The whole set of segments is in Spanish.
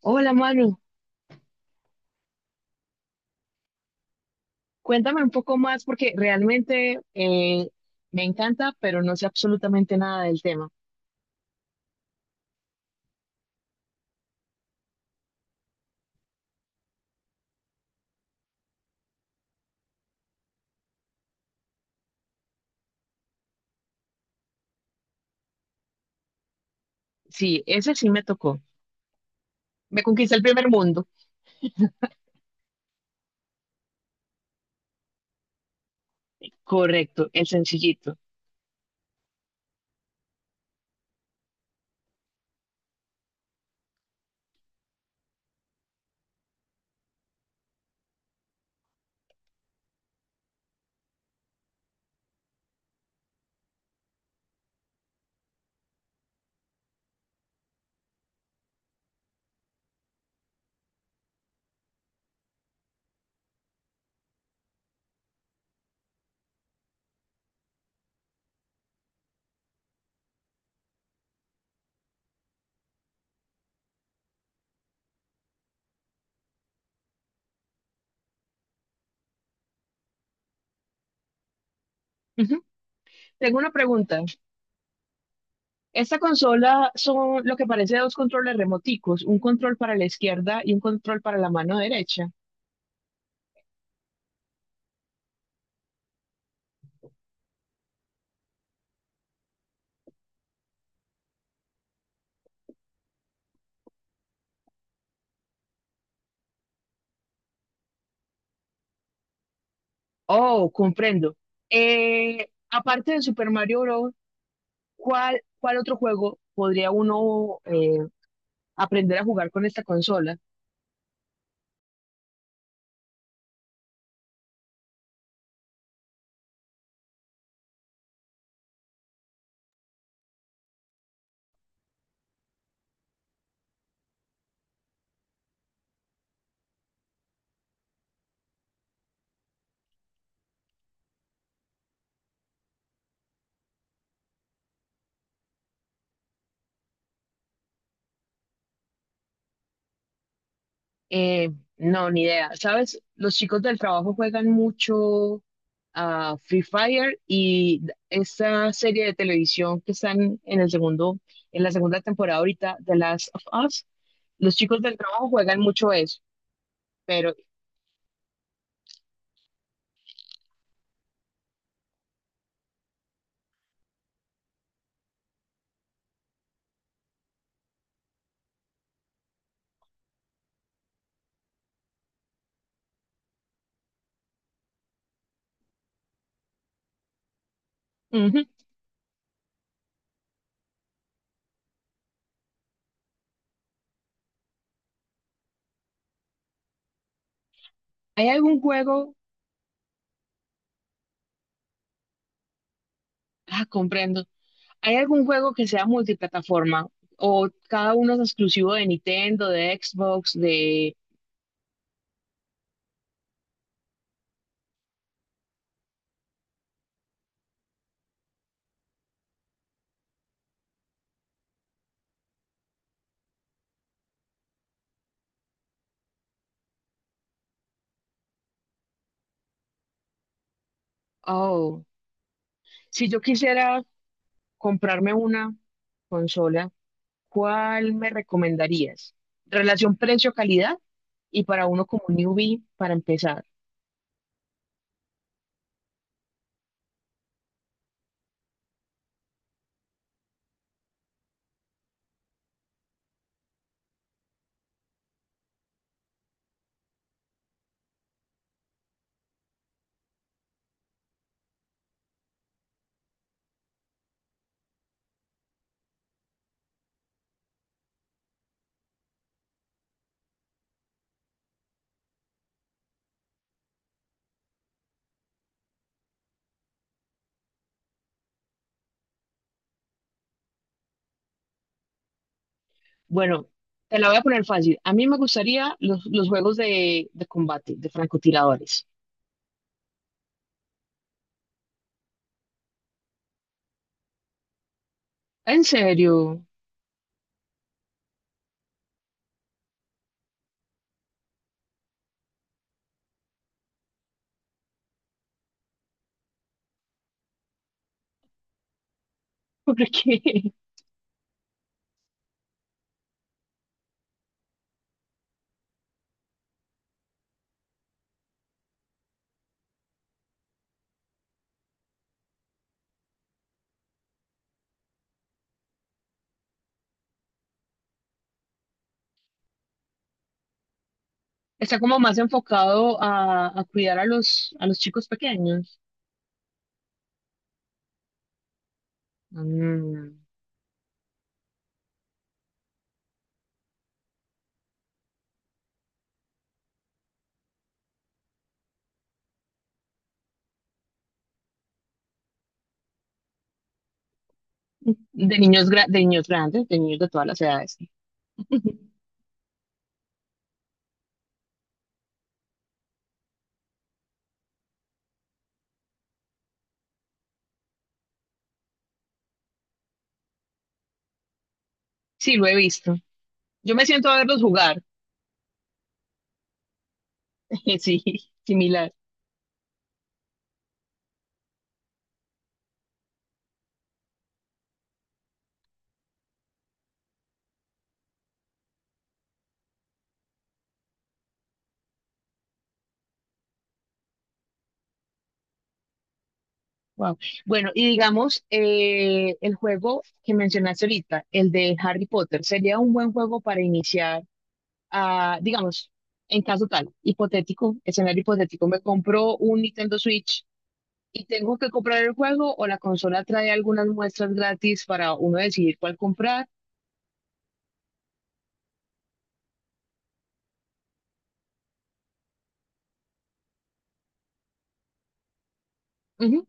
Hola Manu, cuéntame un poco más porque realmente me encanta, pero no sé absolutamente nada del tema. Sí, ese sí me tocó. Me conquisté el primer mundo. Correcto, el sencillito. Ujú. Tengo una pregunta. Esta consola son lo que parece dos controles remoticos, un control para la izquierda y un control para la mano derecha. Oh, comprendo. Aparte de Super Mario Bros., ¿cuál otro juego podría uno aprender a jugar con esta consola? Eh, no, ni idea. ¿Sabes? Los chicos del trabajo juegan mucho a Free Fire y esa serie de televisión que están en el segundo, en la segunda temporada ahorita, The Last of Us, los chicos del trabajo juegan mucho eso. Pero, ujú. ¿Hay algún juego? Ah, comprendo. ¿Hay algún juego que sea multiplataforma? ¿O cada uno es exclusivo de Nintendo, de Xbox, de... Oh. Si yo quisiera comprarme una consola, ¿cuál me recomendarías? Relación precio-calidad y para uno como newbie para empezar. Bueno, te la voy a poner fácil. A mí me gustaría los juegos de combate, de francotiradores. ¿En serio? Porque está como más enfocado a cuidar a los chicos pequeños. Mm. De niños, gra- de niños grandes, de niños de todas las edades. Sí, lo he visto. Yo me siento a verlos jugar, sí, similar. Wow. Bueno, y digamos, el juego que mencionaste ahorita, el de Harry Potter, sería un buen juego para iniciar, a, digamos, en caso tal, hipotético, escenario hipotético, me compro un Nintendo Switch y tengo que comprar el juego o la consola trae algunas muestras gratis para uno decidir cuál comprar. Ujú.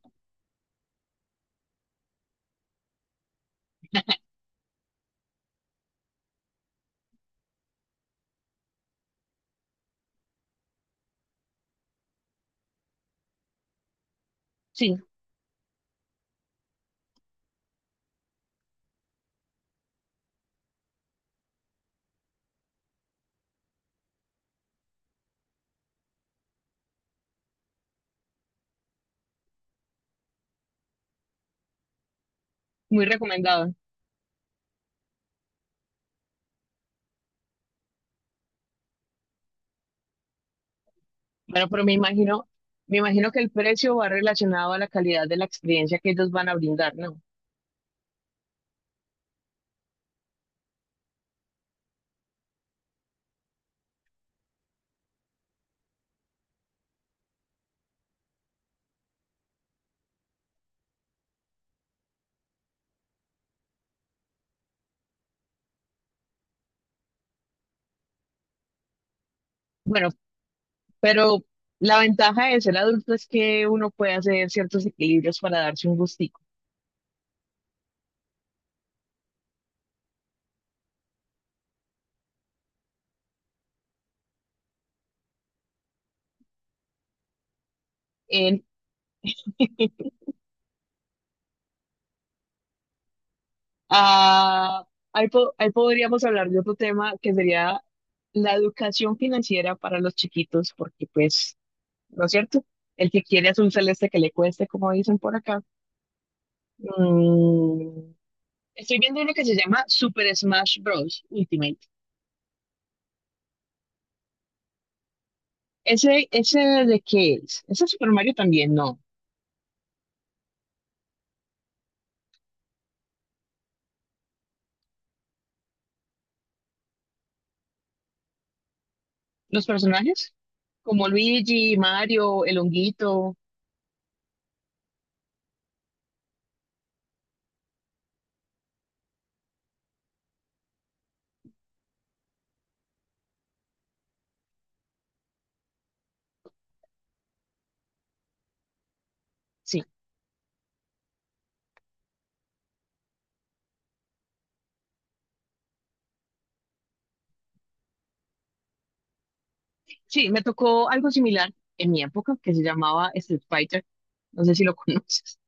Sí, muy recomendado. Bueno, pero me imagino que el precio va relacionado a la calidad de la experiencia que ellos van a brindar, ¿no? Bueno, pero la ventaja de ser adulto es que uno puede hacer ciertos equilibrios para darse un gustico. En- ah, ahí, po- ahí podríamos hablar de otro tema que sería la educación financiera para los chiquitos, porque pues ¿no es cierto? El que quiere azul celeste que le cueste, como dicen por acá. Mm, estoy viendo uno que se llama Super Smash Bros. Ultimate. ¿Ese de qué es? ¿Ese es Super Mario también? No. ¿Los personajes? Como Luigi, Mario, el honguito. Sí. Sí, me tocó algo similar en mi época que se llamaba Street Fighter. No sé si lo conoces.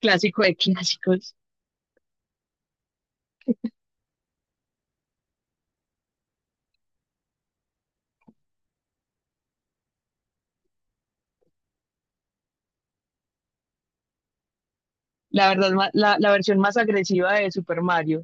Clásico de clásicos. La verdad, ma- la versión más agresiva de Super Mario.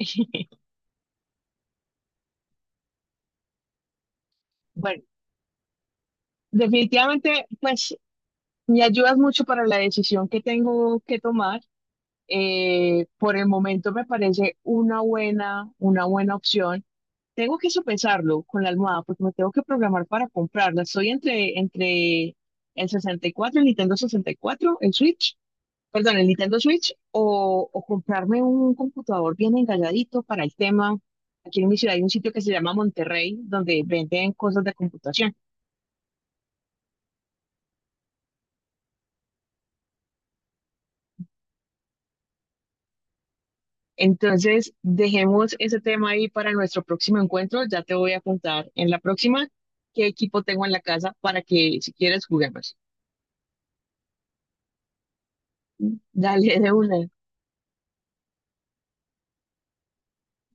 Bueno, definitivamente, pues me ayudas mucho para la decisión que tengo que tomar. Por el momento me parece una buena opción. Tengo que sopesarlo con la almohada porque me tengo que programar para comprarla. Estoy entre el 64, el Nintendo 64, el Switch, perdón, el Nintendo Switch, o comprarme un computador bien engalladito para el tema. Aquí en mi ciudad hay un sitio que se llama Monterrey, donde venden cosas de computación. Entonces, dejemos ese tema ahí para nuestro próximo encuentro. Ya te voy a contar en la próxima qué equipo tengo en la casa para que si quieres juguemos. Dale de una.